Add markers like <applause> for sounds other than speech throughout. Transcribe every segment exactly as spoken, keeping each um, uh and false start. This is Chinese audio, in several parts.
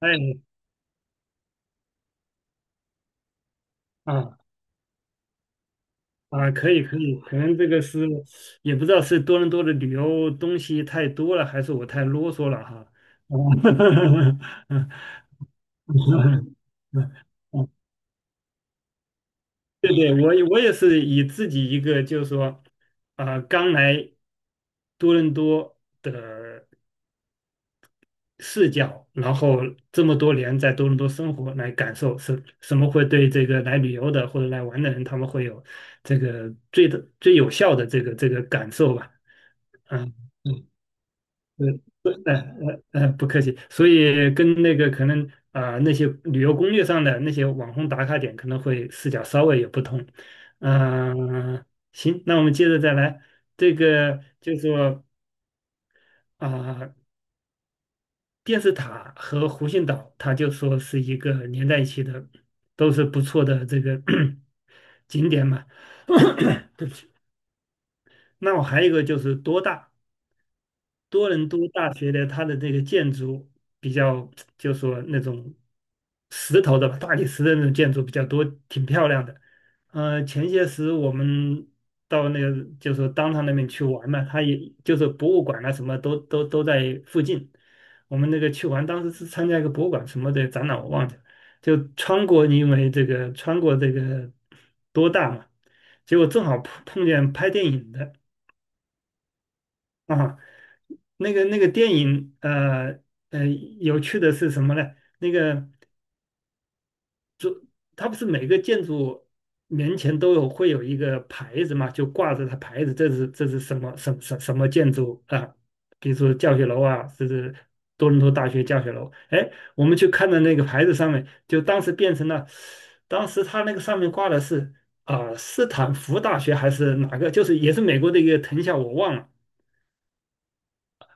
哎，啊啊，可以可以，可能这个是也不知道是多伦多的旅游东西太多了，还是我太啰嗦了哈。啊 <laughs>，对对，我也我也是以自己一个就是说，啊、刚来多伦多的视角，然后这么多年在多伦多生活来感受什什么会对这个来旅游的或者来玩的人，他们会有这个最的最有效的这个这个感受吧。嗯嗯嗯，不，呃呃呃不客气。所以跟那个可能啊、呃那些旅游攻略上的那些网红打卡点，可能会视角稍微有不同。嗯，行，那我们接着再来。这个就说啊、电视塔和湖心岛，它就说是一个连在一起的，都是不错的这个 <clears throat> 景点嘛。那我还有一个就是多大。多伦多大学的它的这个建筑比较，就说那种石头的吧大理石的那种建筑比较多，挺漂亮的。呃，前些时我们到那个就是当趟那边去玩嘛，它也就是博物馆啊什么都都都在附近。我们那个去玩，当时是参加一个博物馆什么的展览，我忘记了。就穿过，因为这个穿过这个多大嘛，结果正好碰碰见拍电影的。啊。那个那个电影，呃呃，有趣的是什么呢？那个它不是每个建筑面前都有会有一个牌子嘛，就挂着它牌子，这是这是什么什么什么什么建筑啊？比如说教学楼啊，这是多伦多大学教学楼。哎，我们去看的那个牌子上面，就当时变成了，当时它那个上面挂的是啊、斯坦福大学还是哪个？就是也是美国的一个藤校，我忘了。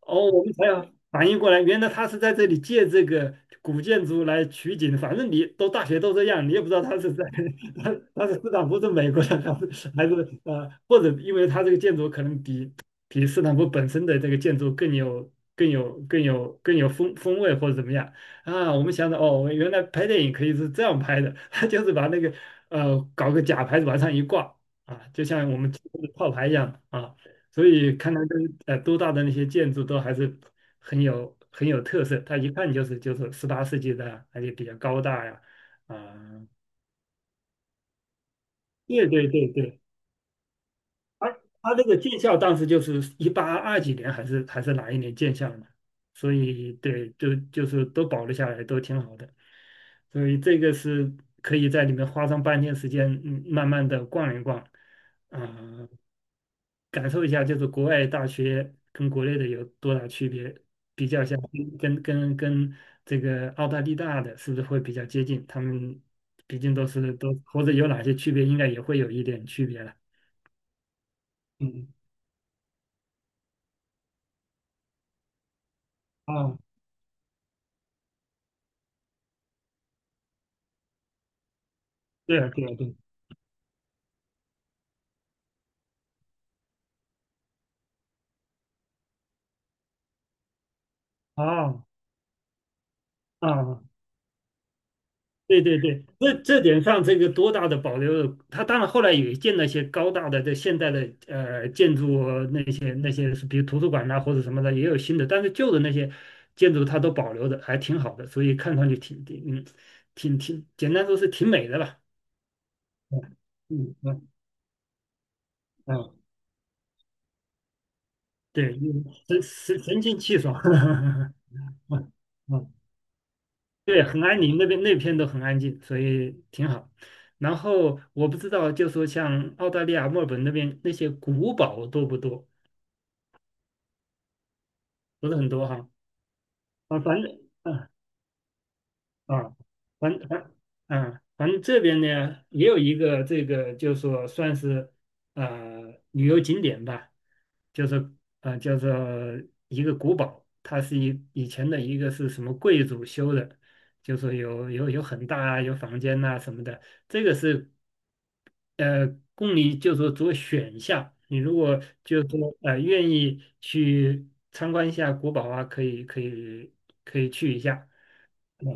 哦，我们才要反应过来，原来他是在这里借这个古建筑来取景。反正你都大学都这样，你也不知道他是在 <laughs> 他他是斯坦福是美国的，还是还是呃，或者因为他这个建筑可能比比斯坦福本身的这个建筑更有更有更有更有风风味或者怎么样啊？我们想着哦，原来拍电影可以是这样拍的，<laughs> 他就是把那个呃搞个假牌子往上一挂啊，就像我们今天的套牌一样啊。所以看到这呃都大的那些建筑都还是很有很有特色，它一看就是就是十八世纪的啊，而且比较高大呀。啊、对对对对，它它这个建校当时就是一八二几年还是还是哪一年建校呢？所以对，就就是都保留下来，都挺好的，所以这个是可以在里面花上半天时间，嗯，慢慢的逛一逛，啊、感受一下，就是国外大学跟国内的有多大区别，比较下，跟跟跟跟这个澳大利亚的，是不是会比较接近？他们毕竟都是都或者有哪些区别，应该也会有一点区别了。嗯，啊，对啊，对啊，对啊，哦啊，对对对。这这点上这个多大的保留？它当然后来也建了一些高大的这现代的呃建筑呃那些那些是，比如图书馆呐、或者什么的也有新的，但是旧的那些建筑它都保留的还挺好的，所以看上去挺挺嗯挺挺简单说是挺美的吧。嗯嗯嗯，嗯对，神神神清气爽。<laughs> 嗯嗯对，很安宁，那边那片都很安静，所以挺好。然后我不知道，就说像澳大利亚墨尔本那边那些古堡多不多？不是很多哈。啊，反正啊。啊，反反嗯，反正这边呢也有一个这个，就是说算是呃旅游景点吧，就是呃叫做一个古堡，它是以以前的一个是什么贵族修的，就说有有有很大啊，有房间呐、什么的，这个是呃供你就说做选项，你如果就是说呃愿意去参观一下古堡啊，可以可以可以去一下。啊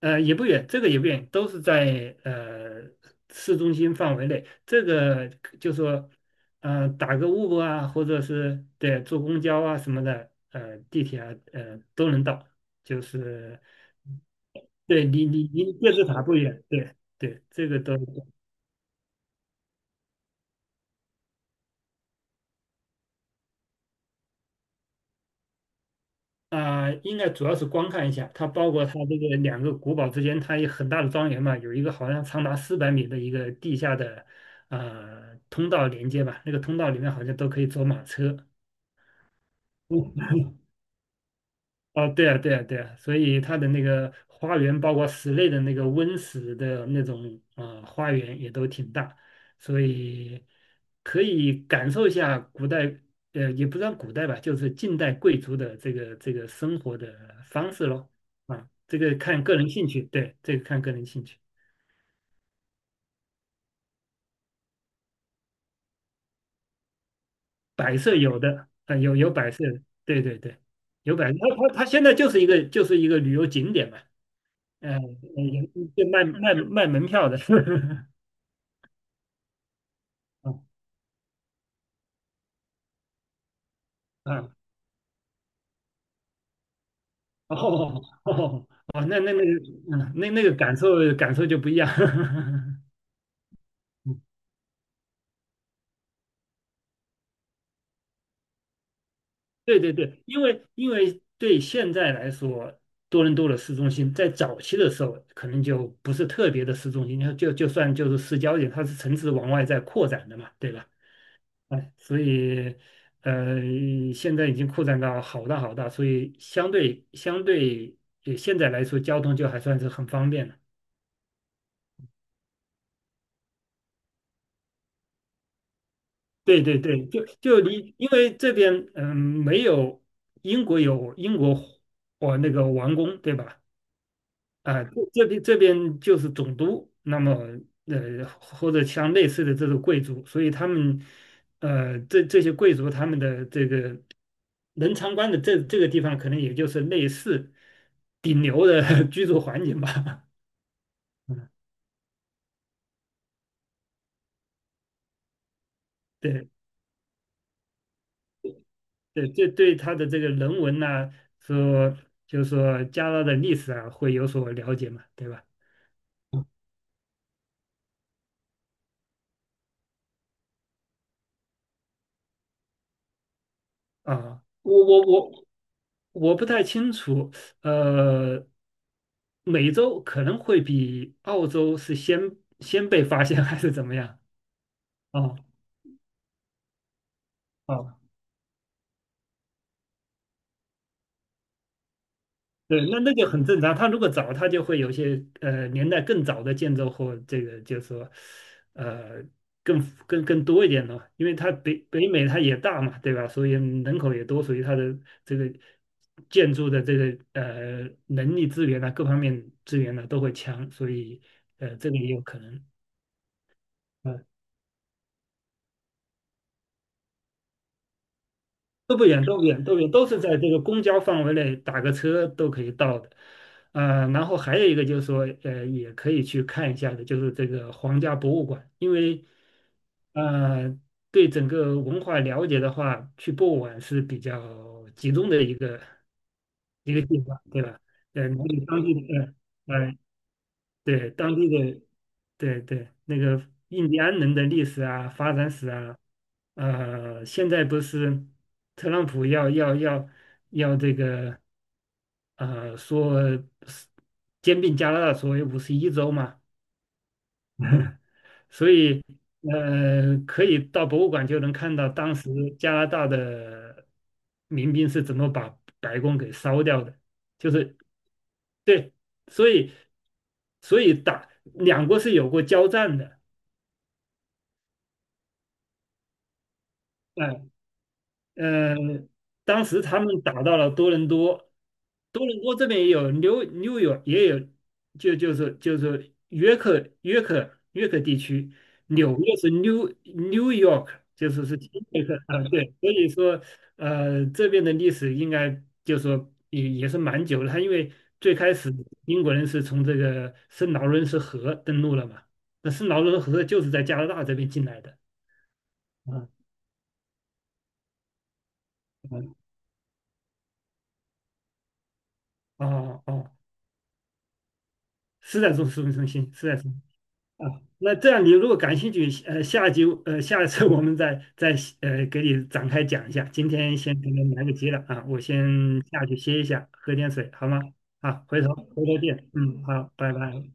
呃，也不远，这个也不远，都是在呃市中心范围内。这个就说，呃，打个 Uber 啊，或者是对坐公交啊什么的，呃，地铁啊，呃，都能到。就是对离离离电视塔不远，对对，这个都啊、应该主要是观看一下，它包括它这个两个古堡之间，它有很大的庄园嘛，有一个好像长达四百米的一个地下的呃通道连接吧，那个通道里面好像都可以坐马车。<laughs> 哦，对啊，对啊，对啊，所以它的那个花园，包括室内的那个温室的那种呃花园也都挺大，所以可以感受一下古代，呃，也不算古代吧，就是近代贵族的这个这个生活的方式咯。啊，这个看个人兴趣，对，这个看个人兴趣。摆设有的，啊，有有摆设，对对对，有摆设。它它它现在就是一个就是一个旅游景点嘛，呃，呃就卖卖卖门票的，<laughs> 嗯嗯，哦哦哦，那那那个，嗯，那那个感受感受就不一样，<laughs> 嗯对对对。因为因为对现在来说，多伦多的市中心在早期的时候，可能就不是特别的市中心，就就就算就是市郊点，它是城市往外在扩展的嘛，对吧？哎，所以呃，现在已经扩展到好大好大，所以相对相对呃现在来说，交通就还算是很方便的。对对对，就就离，因为这边嗯没有英国有英国哦那个王宫对吧？啊，这这边这边就是总督，那么呃，或者像类似的这种贵族，所以他们呃，这这些贵族他们的这个能参观的这这个地方，可能也就是类似顶流的 <laughs> 居住环境吧。嗯，<laughs> 对对，这对他的这个人文呐、说就是说加拿大的历史啊，会有所了解嘛，对吧？啊，我我我我不太清楚，呃，美洲可能会比澳洲是先先被发现还是怎么样？哦哦，对，那那就很正常。他如果早，他就会有些呃年代更早的建筑或这个就是说呃更更更多一点了，因为它北北美它也大嘛，对吧？所以人口也多，所以它的这个建筑的这个呃能力资源啊，各方面资源呢、都会强，所以呃这个也有可能。嗯，都不远，都不远，都不远，都是在这个公交范围内，打个车都可以到的。呃，然后还有一个就是说，呃，也可以去看一下的，就是这个皇家博物馆，因为呃，对整个文化了解的话，去博物馆是比较集中的一个一个地方，对吧？呃，了解当地的，呃，呃对当地的，对对，那个印第安人的历史啊、发展史啊，呃，现在不是特朗普要要要要这个呃说是兼并加拿大所谓五十一州嘛，<laughs> 所以呃可以到博物馆就能看到当时加拿大的民兵是怎么把白宫给烧掉的，就是对，所以所以打两国是有过交战的。哎嗯，当时他们打到了多伦多，多伦多这边也有，New New York 也有，就就是就是约克约克约克地区，纽约是 New New York，就是是新约克啊，对，所以说呃这边的历史应该就说也也是蛮久了，他因为最开始英国人是从这个圣劳伦斯河登陆了嘛，那圣劳伦斯河就是在加拿大这边进来的。啊啊哦哦，啊是在中市中心，是在中啊。那这样，你如果感兴趣，呃，下集呃，下一次 <laughs> 我们再再呃给你展开讲一下。今天先可能来不及了啊，我先下去歇一下，喝点水，好吗？好，回头回头见。嗯，好，拜拜。